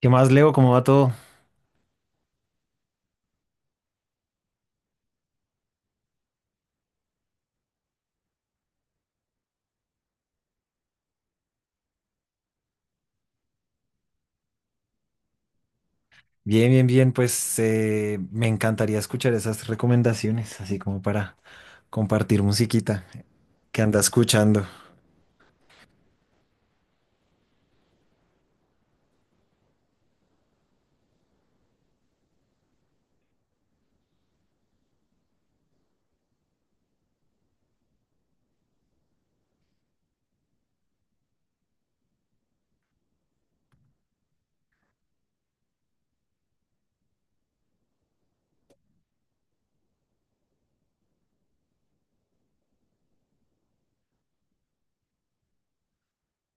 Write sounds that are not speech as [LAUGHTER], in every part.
¿Qué más, Leo? ¿Cómo va todo? Bien, bien, bien. Pues me encantaría escuchar esas recomendaciones, así como para compartir musiquita que anda escuchando.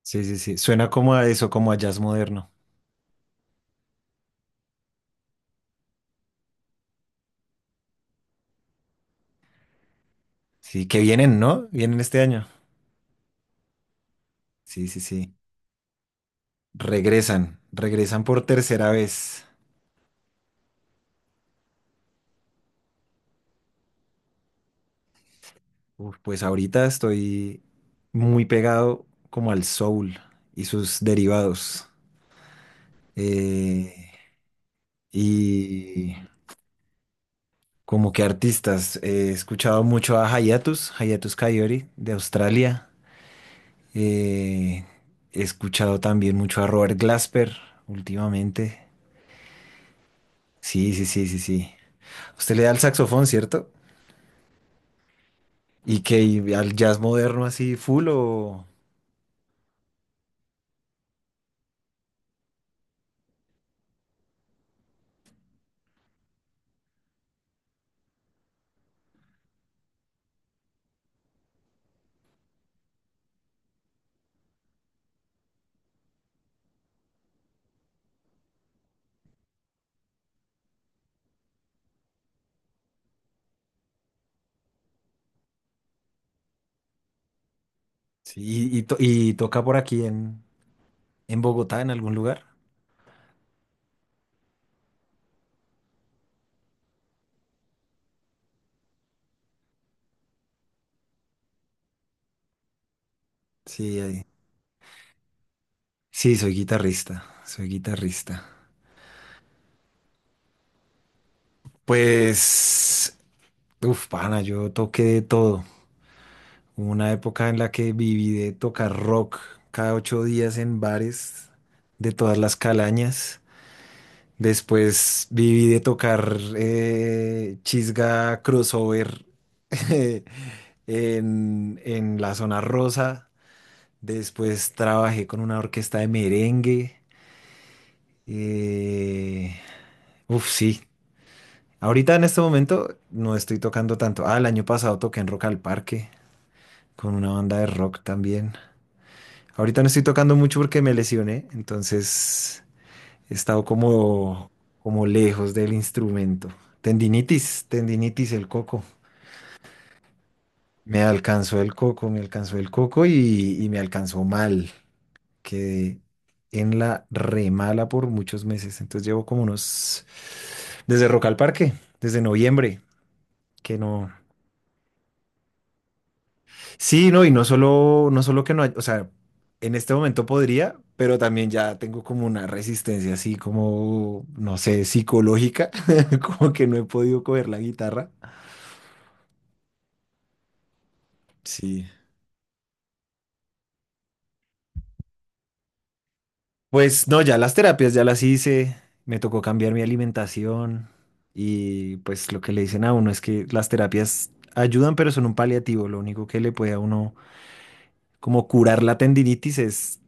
Sí, sí, sí. Suena como a eso, como a jazz moderno. Sí, que vienen, ¿no? Vienen este año. Sí, sí, sí. Regresan, regresan por tercera vez. Uf, pues ahorita estoy muy pegado como al soul y sus derivados. Eh, y como que artistas, he escuchado mucho a Hayatus, Hayatus Kaiori de Australia. Eh, he escuchado también mucho a Robert Glasper últimamente. Sí, sí, sí, sí, sí. Usted le da al saxofón, ¿cierto? ¿Y que y al jazz moderno así full o...? Sí, y, y toca por aquí en Bogotá, en algún lugar. Sí, ahí. Sí, soy guitarrista, soy guitarrista. Pues, uf, pana, yo toqué de todo. Hubo una época en la que viví de tocar rock cada ocho días en bares de todas las calañas. Después viví de tocar chisga crossover [LAUGHS] en la zona rosa. Después trabajé con una orquesta de merengue. Eh, uf, sí. Ahorita en este momento no estoy tocando tanto. Ah, el año pasado toqué en Rock al Parque con una banda de rock también. Ahorita no estoy tocando mucho porque me lesioné, entonces he estado como, como lejos del instrumento. Tendinitis, tendinitis, el coco. Me alcanzó el coco, me alcanzó el coco y me alcanzó mal. Quedé en la remala por muchos meses. Entonces llevo como unos, desde Rock al Parque, desde noviembre, que no. Sí, no, y no solo, no solo que no hay, o sea, en este momento podría, pero también ya tengo como una resistencia así como, no sé, psicológica, [LAUGHS] como que no he podido coger la guitarra. Sí. Pues no, ya las terapias ya las hice, me tocó cambiar mi alimentación y pues lo que le dicen a uno es que las terapias ayudan, pero son un paliativo, lo único que le puede a uno como curar la tendinitis es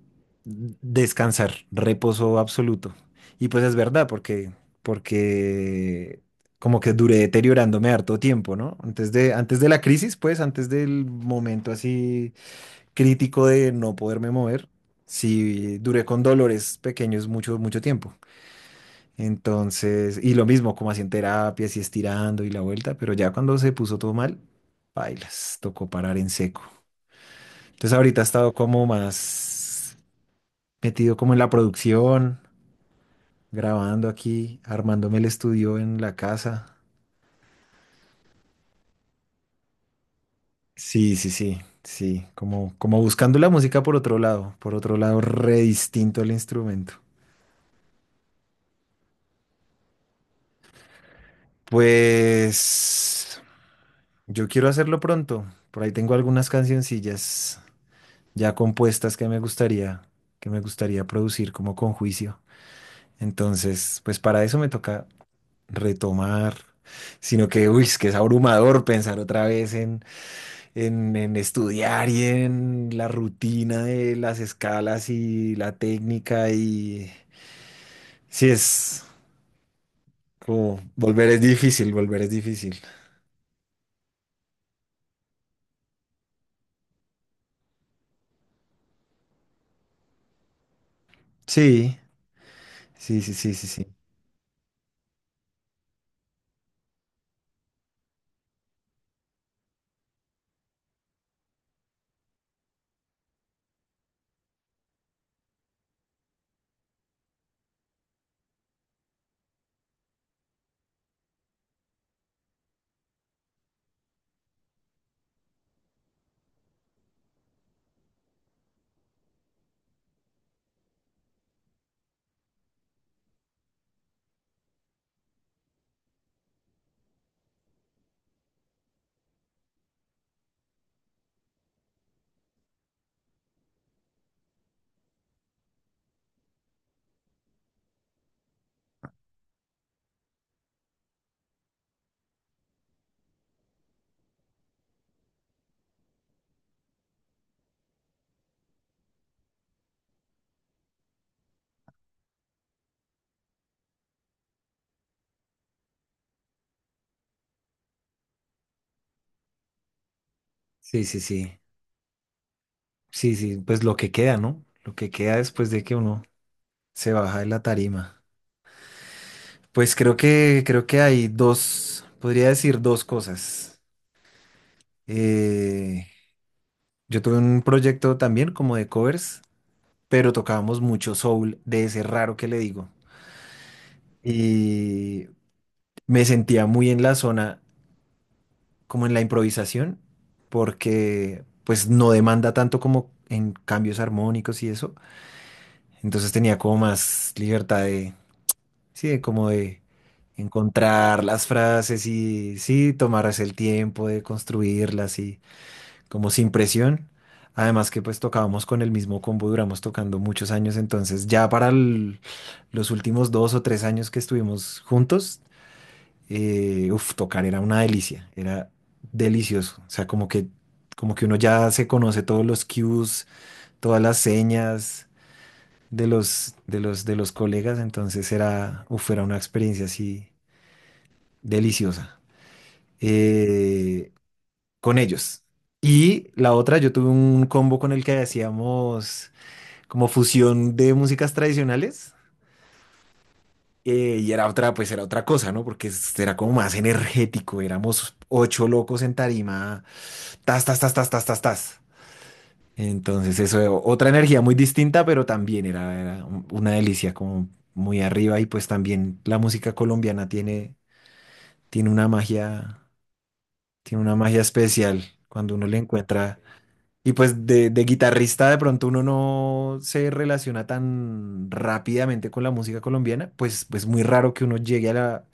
descansar, reposo absoluto. Y pues es verdad, porque, porque como que duré deteriorándome harto tiempo, ¿no? Antes de la crisis, pues, antes del momento así crítico de no poderme mover, sí duré con dolores pequeños mucho, mucho tiempo. Entonces, y lo mismo, como así en terapia, así estirando y la vuelta, pero ya cuando se puso todo mal, bailas, tocó parar en seco. Entonces ahorita he estado como más metido como en la producción, grabando aquí, armándome el estudio en la casa. Sí, sí, sí, sí, como, como buscando la música por otro lado re distinto al instrumento. Pues yo quiero hacerlo pronto. Por ahí tengo algunas cancioncillas ya compuestas que me gustaría producir como con juicio. Entonces, pues para eso me toca retomar, sino que, uy, es que es abrumador pensar otra vez en estudiar y en la rutina de las escalas y la técnica y sí es como volver es difícil, volver es difícil. Sí, sí, sí, sí, sí, sí, sí, sí, sí, sí, sí, pues lo que queda, ¿no? Lo que queda después de que uno se baja de la tarima. Pues creo que hay dos, podría decir dos cosas. Eh, Yo tuve un proyecto también como de covers, pero tocábamos mucho soul, de ese raro que le digo. Y me sentía muy en la zona, como en la improvisación, porque pues no demanda tanto como en cambios armónicos y eso. Entonces tenía como más libertad de, sí, de encontrar las frases y sí, tomarse el tiempo de construirlas y como sin presión. Además que pues tocábamos con el mismo combo, duramos tocando muchos años, entonces ya para los últimos dos o tres años que estuvimos juntos, uf, tocar era una delicia, era delicioso. O sea, como que uno ya se conoce todos los cues, todas las señas de los, de los colegas, entonces era, uf, era una experiencia así deliciosa. Eh, con ellos. Y la otra, yo tuve un combo con el que hacíamos como fusión de músicas tradicionales. Y era otra, pues era otra cosa, ¿no? Porque era como más energético. Éramos ocho locos en tarima. Tas, tas, tas, tas, tas, tas, tas. Entonces, eso, otra energía muy distinta, pero también era, era una delicia, como muy arriba. Y pues también la música colombiana tiene, tiene una magia, tiene una magia especial cuando uno le encuentra. Y pues de guitarrista de pronto uno no se relaciona tan rápidamente con la música colombiana, pues pues muy raro que uno llegue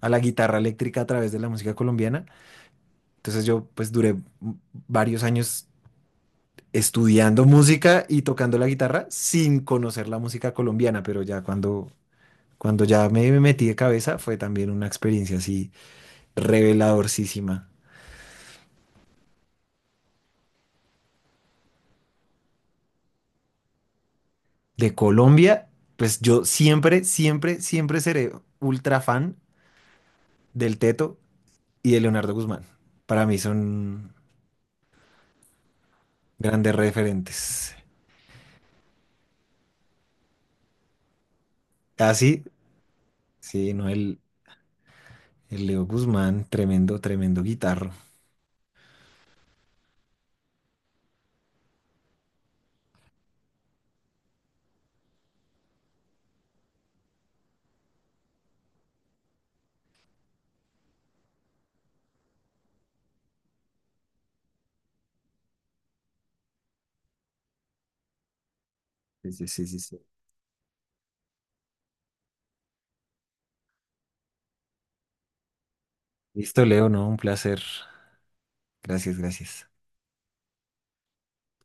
a la guitarra eléctrica a través de la música colombiana. Entonces yo pues duré varios años estudiando música y tocando la guitarra sin conocer la música colombiana, pero ya cuando, cuando ya me metí de cabeza fue también una experiencia así reveladorcísima. De Colombia, pues yo siempre, siempre, siempre seré ultra fan del Teto y de Leonardo Guzmán. Para mí son grandes referentes. Así, sí, sí, no, el Leo Guzmán, tremendo, tremendo guitarro. Sí, sí, sí, sí, sí. Listo, Leo, no, un placer. Gracias, gracias.